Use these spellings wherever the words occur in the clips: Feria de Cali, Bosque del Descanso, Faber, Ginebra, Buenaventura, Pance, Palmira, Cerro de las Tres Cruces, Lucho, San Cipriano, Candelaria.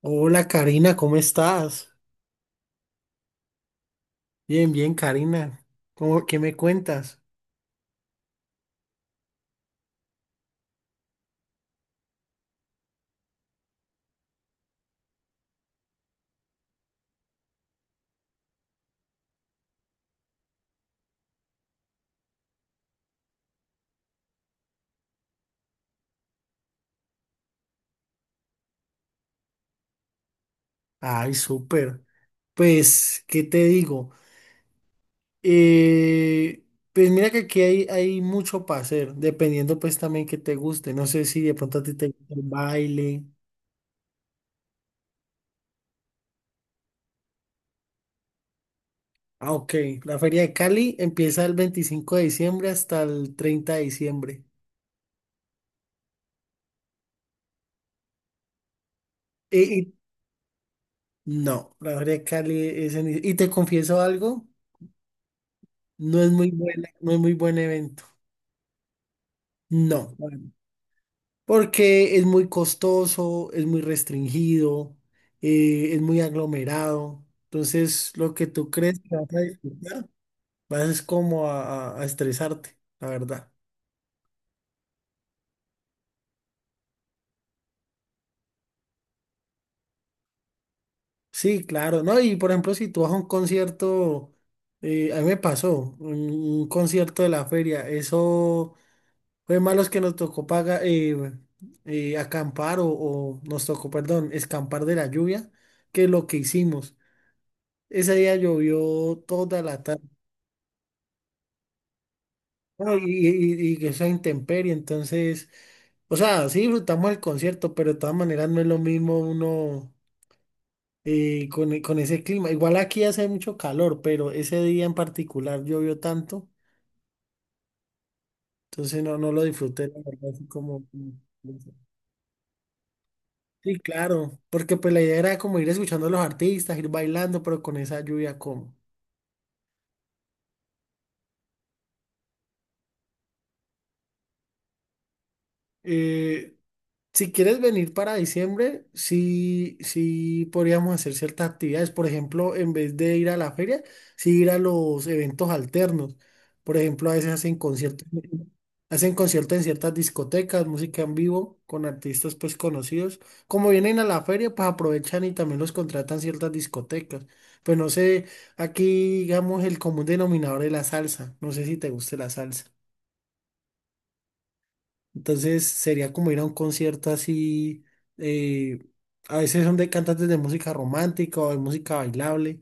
Hola Karina, ¿cómo estás? Bien, bien Karina. ¿Qué me cuentas? Ay, súper. Pues, ¿qué te digo? Eh, pues mira que aquí hay mucho para hacer, dependiendo pues también que te guste. No sé si de pronto a ti te gusta el baile. Ah, ok. La Feria de Cali empieza el 25 de diciembre hasta el 30 de diciembre. Y, y- no, la Feria de Cali Y te confieso algo, no es muy buena, no es muy buen evento. No. Porque es muy costoso, es muy restringido, es muy aglomerado. Entonces, lo que tú crees que vas a disfrutar, vas es como a estresarte, la verdad. Sí, claro, ¿no? Y por ejemplo, si tú vas a un concierto, a mí me pasó, un concierto de la feria, eso fue malos que nos tocó pagar, acampar o nos tocó, perdón, escampar de la lluvia, que es lo que hicimos. Ese día llovió toda la tarde. No, y que sea intemperie, entonces, o sea, sí disfrutamos el concierto, pero de todas maneras no es lo mismo uno con ese clima. Igual aquí hace mucho calor, pero ese día en particular llovió tanto, entonces no lo disfruté, la verdad, así como... Sí, claro, porque pues la idea era como ir escuchando a los artistas, ir bailando, pero con esa lluvia como. Si quieres venir para diciembre, sí, sí podríamos hacer ciertas actividades. Por ejemplo, en vez de ir a la feria, sí ir a los eventos alternos. Por ejemplo, a veces hacen conciertos en ciertas discotecas, música en vivo con artistas pues conocidos. Como vienen a la feria, pues aprovechan y también los contratan ciertas discotecas. Pues no sé, aquí digamos el común denominador es la salsa. No sé si te guste la salsa. Entonces sería como ir a un concierto así, eh, a veces son de cantantes de música romántica o de música bailable.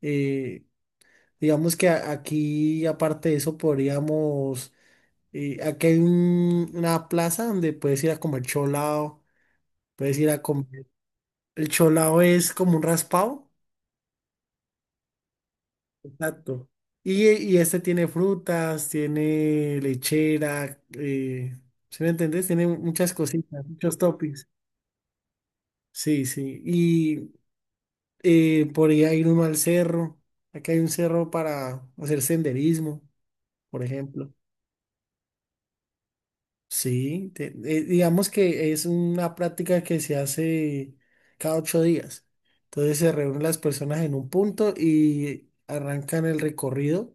eh, digamos que aquí, aparte de eso, podríamos, aquí hay una plaza donde puedes ir a comer cholao, puedes ir a comer, el cholao es como un raspado, exacto. Y este tiene frutas, tiene lechera, ¿sí me entendés? Tiene muchas cositas, muchos toppings. Sí, sí. Podría ir uno al cerro. Acá hay un cerro para hacer senderismo, por ejemplo. Sí, digamos que es una práctica que se hace cada 8 días. Entonces se reúnen las personas en un punto y arrancan el recorrido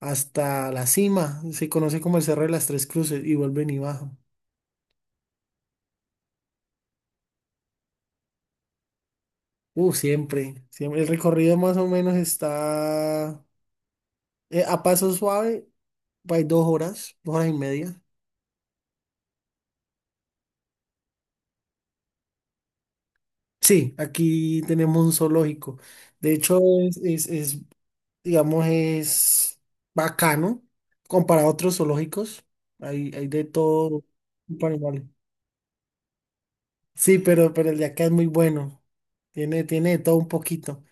hasta la cima. Se conoce como el Cerro de las Tres Cruces y vuelven y bajan. Siempre, siempre. El recorrido más o menos está a paso suave, va 2 horas, 2 horas y media. Sí, aquí tenemos un zoológico. De hecho, es, es, es, digamos, es bacano comparado a otros zoológicos. Hay de todo tipo de animales. Sí, pero el de acá es muy bueno. Tiene de todo un poquito.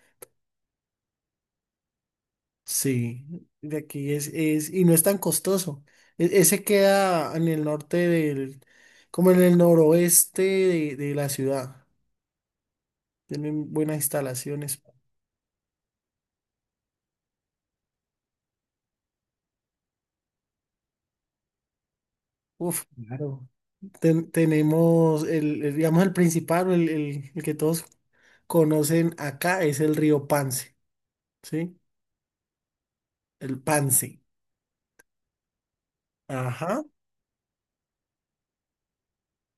Sí, de aquí y no es tan costoso. Ese queda en el norte como en el noroeste de la ciudad. Tienen buenas instalaciones. Uf, claro. Tenemos digamos, el principal, o el que todos conocen acá es el río Pance, ¿sí? El Pance. Ajá.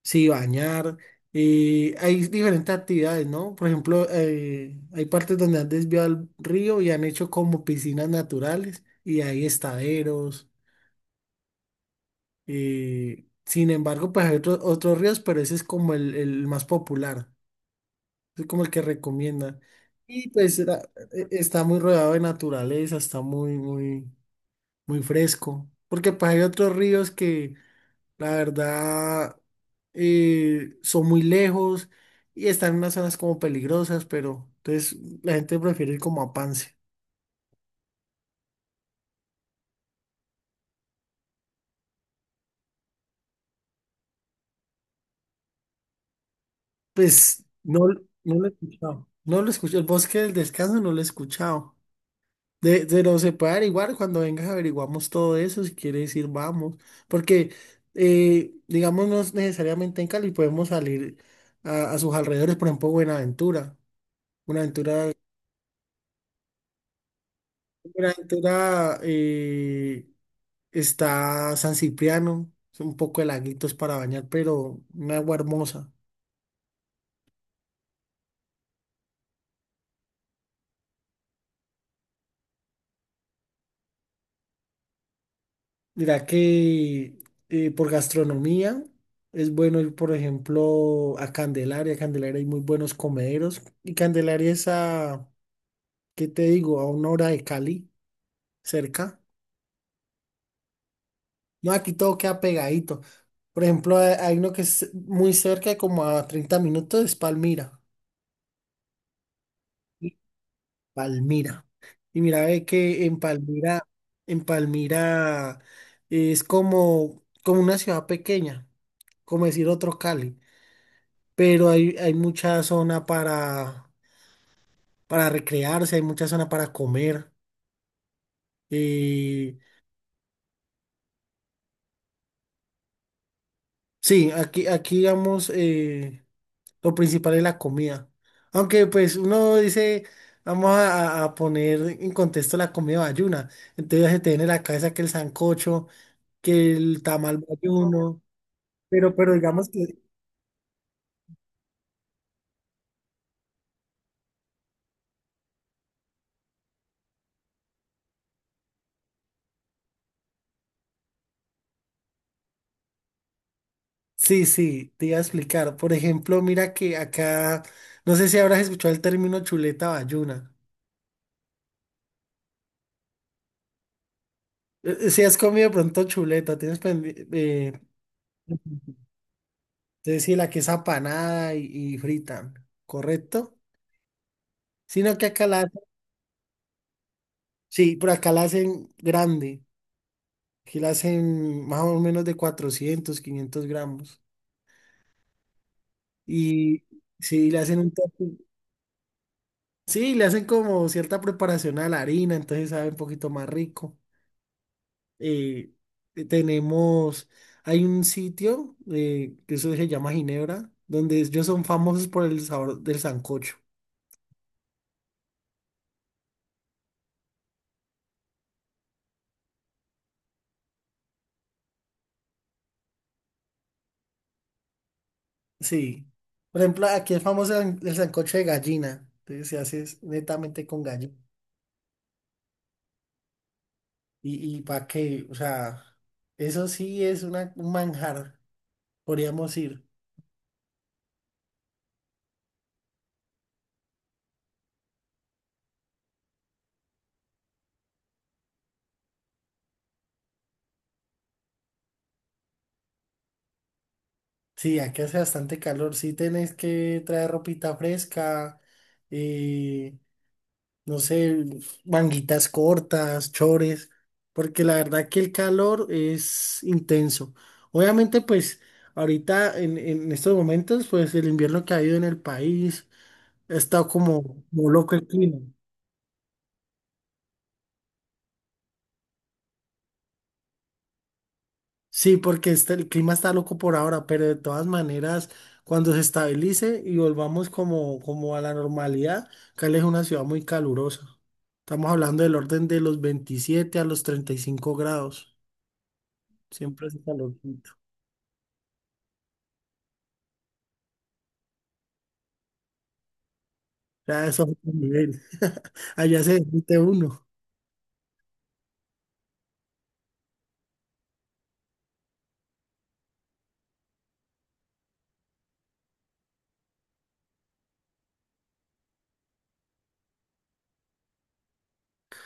Sí, bañar. Hay diferentes actividades, ¿no? Por ejemplo, hay partes donde han desviado el río y han hecho como piscinas naturales y hay estaderos. Sin embargo, pues hay otros ríos, pero ese es como el más popular. Es como el que recomienda. Y pues está muy rodeado de naturaleza, está muy, muy, muy fresco. Porque pues hay otros ríos que la verdad son muy lejos y están en unas zonas como peligrosas, pero entonces la gente prefiere ir como a Pance. Pues no, no lo he escuchado. No lo he escuchado. El Bosque del Descanso no lo he escuchado. De no separar, igual cuando vengas averiguamos todo eso, si quieres decir vamos, porque digamos no es necesariamente en Cali, podemos salir a sus alrededores, por ejemplo, Buenaventura. Buenaventura, Buenaventura, está San Cipriano, son un poco de laguitos para bañar, pero una agua hermosa. Mira que por gastronomía es bueno ir, por ejemplo, a Candelaria. Candelaria hay muy buenos comederos y Candelaria es a ¿qué te digo? A 1 hora de Cali, cerca. No, aquí todo queda pegadito. Por ejemplo, hay uno que es muy cerca, como a 30 minutos, es Palmira. Y- Palmira. Y mira, ve que en Palmira es como una ciudad pequeña, como decir otro Cali. Pero hay mucha zona para recrearse, hay mucha zona para comer. Eh, sí, aquí digamos. Lo principal es la comida. Aunque pues uno dice, vamos a poner en contexto la comida bayuna. Entonces se te viene a la cabeza que el sancocho, que el tamal bayuno. Digamos que... Sí, sí, te iba a explicar. Por ejemplo, mira que acá, no sé si habrás escuchado el término chuleta bayuna. Si has comido de pronto chuleta, tienes pendiente... Entonces sí, la que es apanada y frita, ¿correcto? Sino que acá la... Sí, pero acá la hacen grande, que la hacen más o menos de 400 500 gramos. Y sí, le hacen un topping. Sí, le hacen como cierta preparación a la harina, entonces sabe un poquito más rico. Eh, eh, tenemos, Hay un sitio que eso se llama Ginebra, donde ellos son famosos por el sabor del sancocho. Sí. Por ejemplo, aquí es famoso el sancocho de gallina. Entonces se hace es netamente con gallina. Y para qué, o sea, eso sí es un manjar. Podríamos ir. Sí, aquí hace bastante calor. Sí, tenés que traer ropita fresca, eh, no sé, manguitas cortas, chores, porque la verdad que el calor es intenso. Obviamente, pues ahorita en estos momentos, pues el invierno que ha habido en el país ha estado como loco el clima. Sí, porque este, el clima está loco por ahora, pero de todas maneras, cuando se estabilice y volvamos como, como a la normalidad, Cali es una ciudad muy calurosa. Estamos hablando del orden de los 27 a los 35 grados. Siempre hace calorcito. Ya eso es otro nivel. Allá se derrite uno.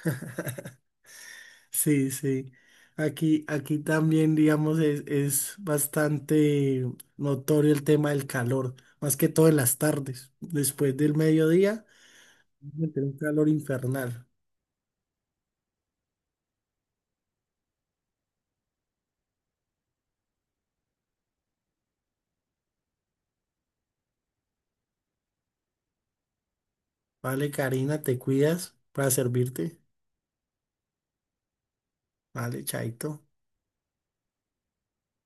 Sí, sí. Aquí también, digamos, es bastante notorio el tema del calor, más que todo en las tardes. Después del mediodía meter un calor infernal. Vale, Karina, te cuidas para servirte. Vale, chaito.